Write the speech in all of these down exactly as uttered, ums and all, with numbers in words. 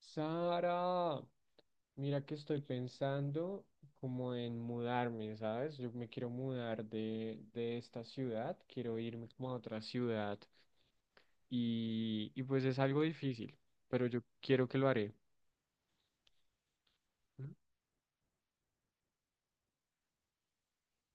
Sara, mira que estoy pensando como en mudarme, ¿sabes? Yo me quiero mudar de, de esta ciudad, quiero irme como a otra ciudad y, y pues es algo difícil, pero yo quiero que lo haré.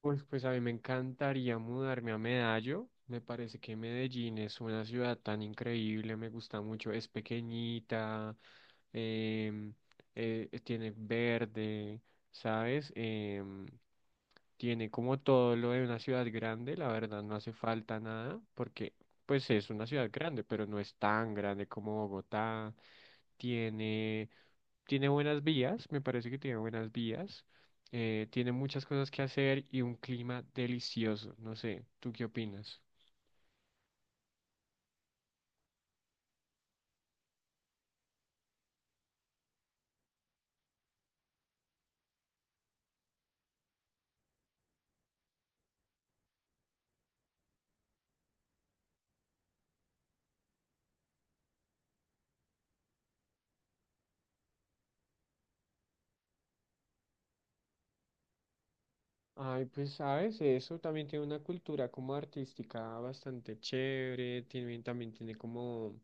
Pues, pues a mí me encantaría mudarme a Medallo. Me parece que Medellín es una ciudad tan increíble, me gusta mucho. Es pequeñita, em, eh, eh, tiene verde, ¿sabes? Em, tiene como todo lo de una ciudad grande, la verdad no hace falta nada, porque pues es una ciudad grande, pero no es tan grande como Bogotá. Tiene tiene buenas vías, me parece que tiene buenas vías, eh, tiene muchas cosas que hacer y un clima delicioso, no sé, ¿tú qué opinas? Ay, pues sabes, eso también tiene una cultura como artística bastante chévere, tiene, también tiene como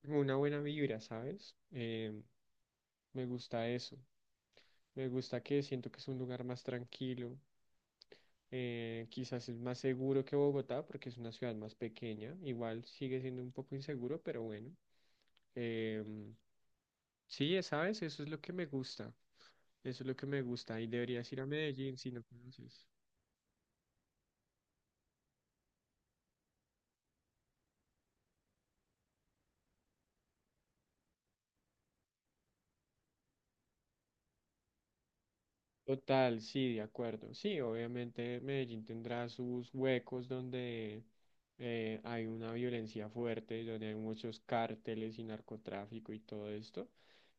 como una buena vibra, ¿sabes? Em, me gusta eso. Me gusta que siento que es un lugar más tranquilo. eh, quizás es más seguro que Bogotá porque es una ciudad más pequeña. Igual sigue siendo un poco inseguro, pero bueno. Em, sí, ¿sabes? Eso es lo que me gusta. Eso es lo que me gusta. Y deberías ir a Medellín si no conoces. Total, sí, de acuerdo. Sí, obviamente Medellín tendrá sus huecos donde eh, hay una violencia fuerte, donde hay muchos cárteles y narcotráfico y todo esto,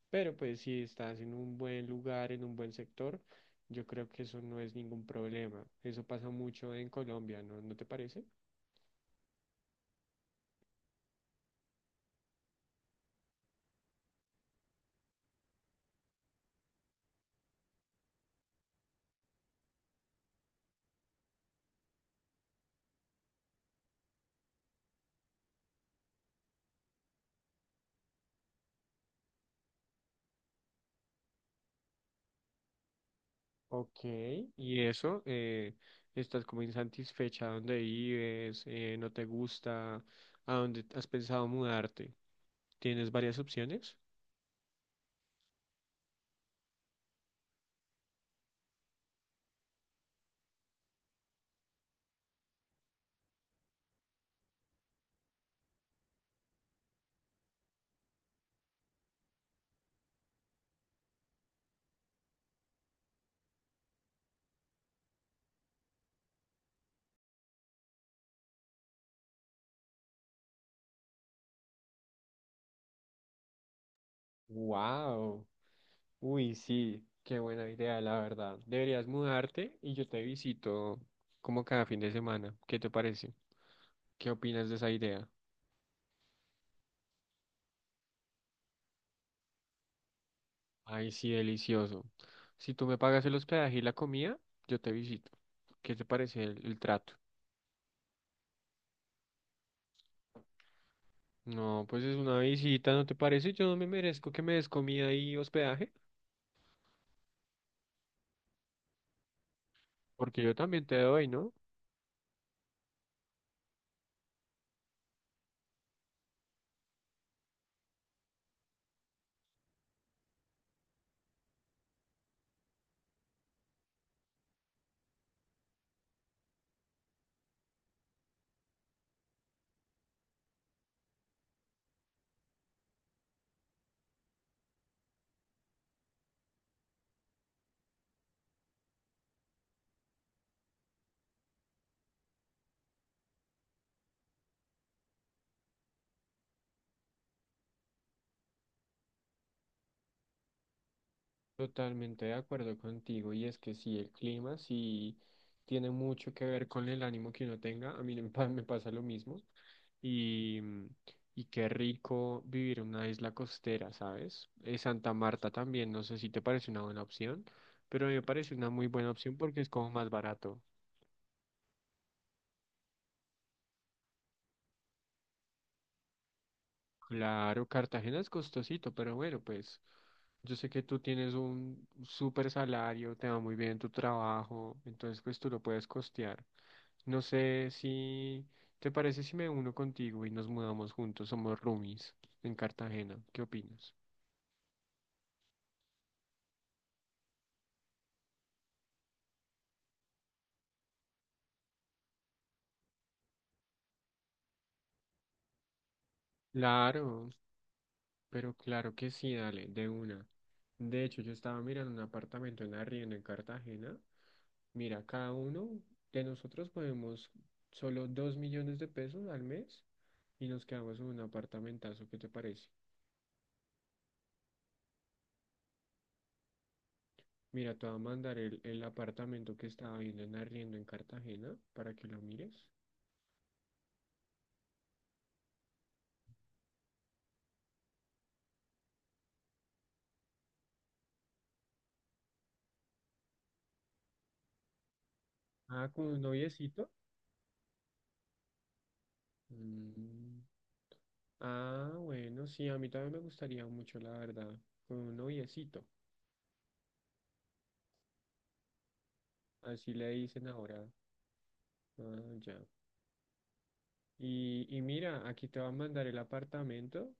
pero pues si estás en un buen lugar, en un buen sector, yo creo que eso no es ningún problema. Eso pasa mucho en Colombia, ¿no? ¿No te parece? Ok, y eso, eh, estás como insatisfecha donde vives, eh, no te gusta, ¿a dónde has pensado mudarte? ¿Tienes varias opciones? Wow. Uy, sí, qué buena idea, la verdad. Deberías mudarte y yo te visito como cada fin de semana. ¿Qué te parece? ¿Qué opinas de esa idea? Ay, sí, delicioso. Si tú me pagas el hospedaje y la comida, yo te visito. ¿Qué te parece el, el trato? No, pues es una visita, ¿no te parece? Yo no me merezco que me des comida y hospedaje, porque yo también te doy, ¿no? Totalmente de acuerdo contigo, y es que sí, el clima sí tiene mucho que ver con el ánimo que uno tenga, a mí me pa- me pasa lo mismo, y, mm, y qué rico vivir en una isla costera, ¿sabes? Eh, Santa Marta también, no sé si te parece una buena opción, pero a mí me parece una muy buena opción porque es como más barato. Claro, Cartagena es costosito, pero bueno, pues yo sé que tú tienes un súper salario, te va muy bien en tu trabajo, entonces pues tú lo puedes costear. No sé si te parece si me uno contigo y nos mudamos juntos, somos roomies en Cartagena. ¿Qué opinas? Claro, pero claro que sí, dale, de una. De hecho, yo estaba mirando un apartamento en arriendo en Cartagena. Mira, cada uno de nosotros podemos solo dos millones de pesos al mes y nos quedamos en un apartamentazo. ¿Qué te parece? Mira, te voy a mandar el, el apartamento que estaba viendo en arriendo en Cartagena para que lo mires. Ah, con un noviecito. Mm. Ah, bueno, sí, a mí también me gustaría mucho, la verdad, con un noviecito, así le dicen ahora. Ah, ya. Y, y mira, aquí te va a mandar el apartamento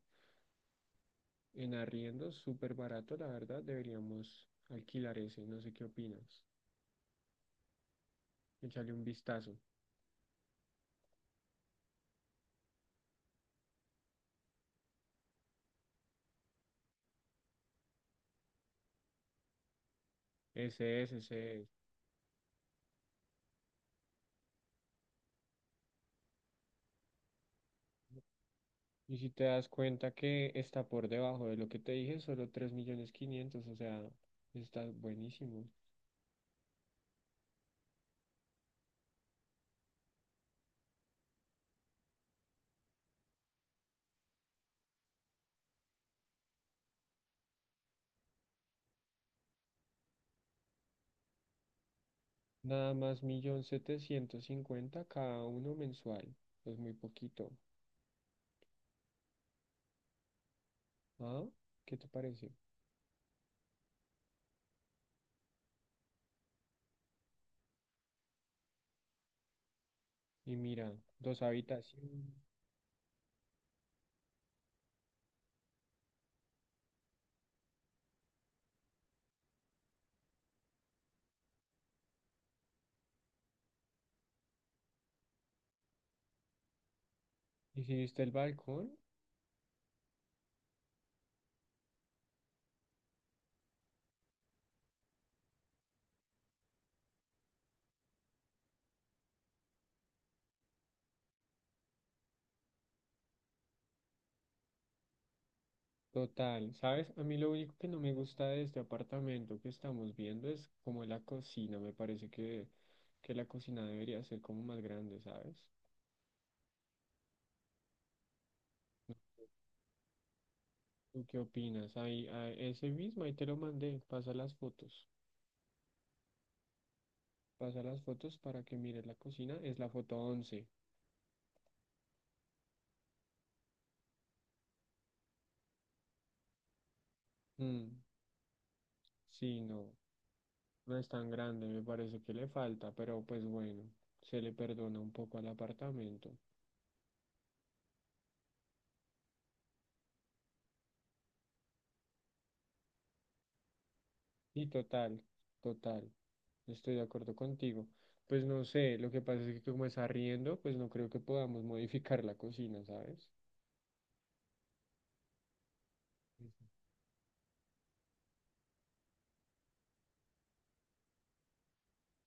en arriendo, súper barato, la verdad, deberíamos alquilar ese, no sé qué opinas. Échale un vistazo. Ese es, ese es. Y si te das cuenta que está por debajo de lo que te dije, solo tres millones quinientos, o sea, está buenísimo. Nada más millón setecientos cincuenta cada uno mensual. Es muy poquito. ¿Ah? ¿Qué te parece? Y mira, dos habitaciones. ¿Y si viste el balcón? Total, ¿sabes? A mí lo único que no me gusta de este apartamento que estamos viendo es como la cocina. Me parece que, que la cocina debería ser como más grande, ¿sabes? ¿Tú qué opinas? Ahí, ah, ese mismo, ahí te lo mandé. Pasa las fotos. Pasa las fotos para que mires la cocina. Es la foto once. Mm, sí, no. No es tan grande, me parece que le falta, pero pues bueno, se le perdona un poco al apartamento. Y total, total, estoy de acuerdo contigo. Pues no sé, lo que pasa es que como es arriendo, pues no creo que podamos modificar la cocina, ¿sabes?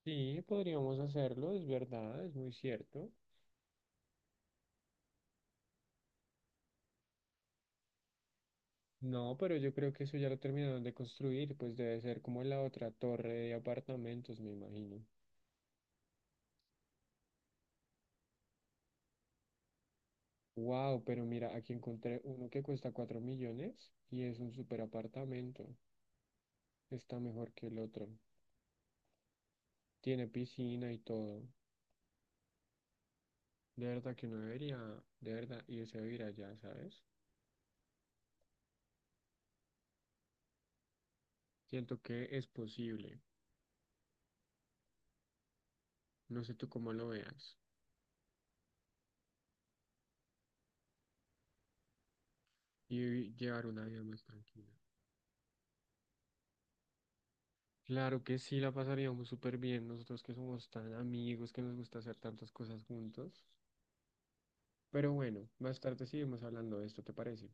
Sí, podríamos hacerlo, es verdad, es muy cierto. No, pero yo creo que eso ya lo terminaron de construir, pues debe ser como la otra torre de apartamentos, me imagino. Wow, pero mira, aquí encontré uno que cuesta cuatro millones y es un super apartamento. Está mejor que el otro. Tiene piscina y todo. De verdad que uno debería, de verdad, irse a vivir allá, ¿sabes? Siento que es posible. No sé tú cómo lo veas. Y llevar una vida más tranquila. Claro que sí, la pasaríamos súper bien nosotros que somos tan amigos, que nos gusta hacer tantas cosas juntos. Pero bueno, más tarde seguimos hablando de esto, ¿te parece?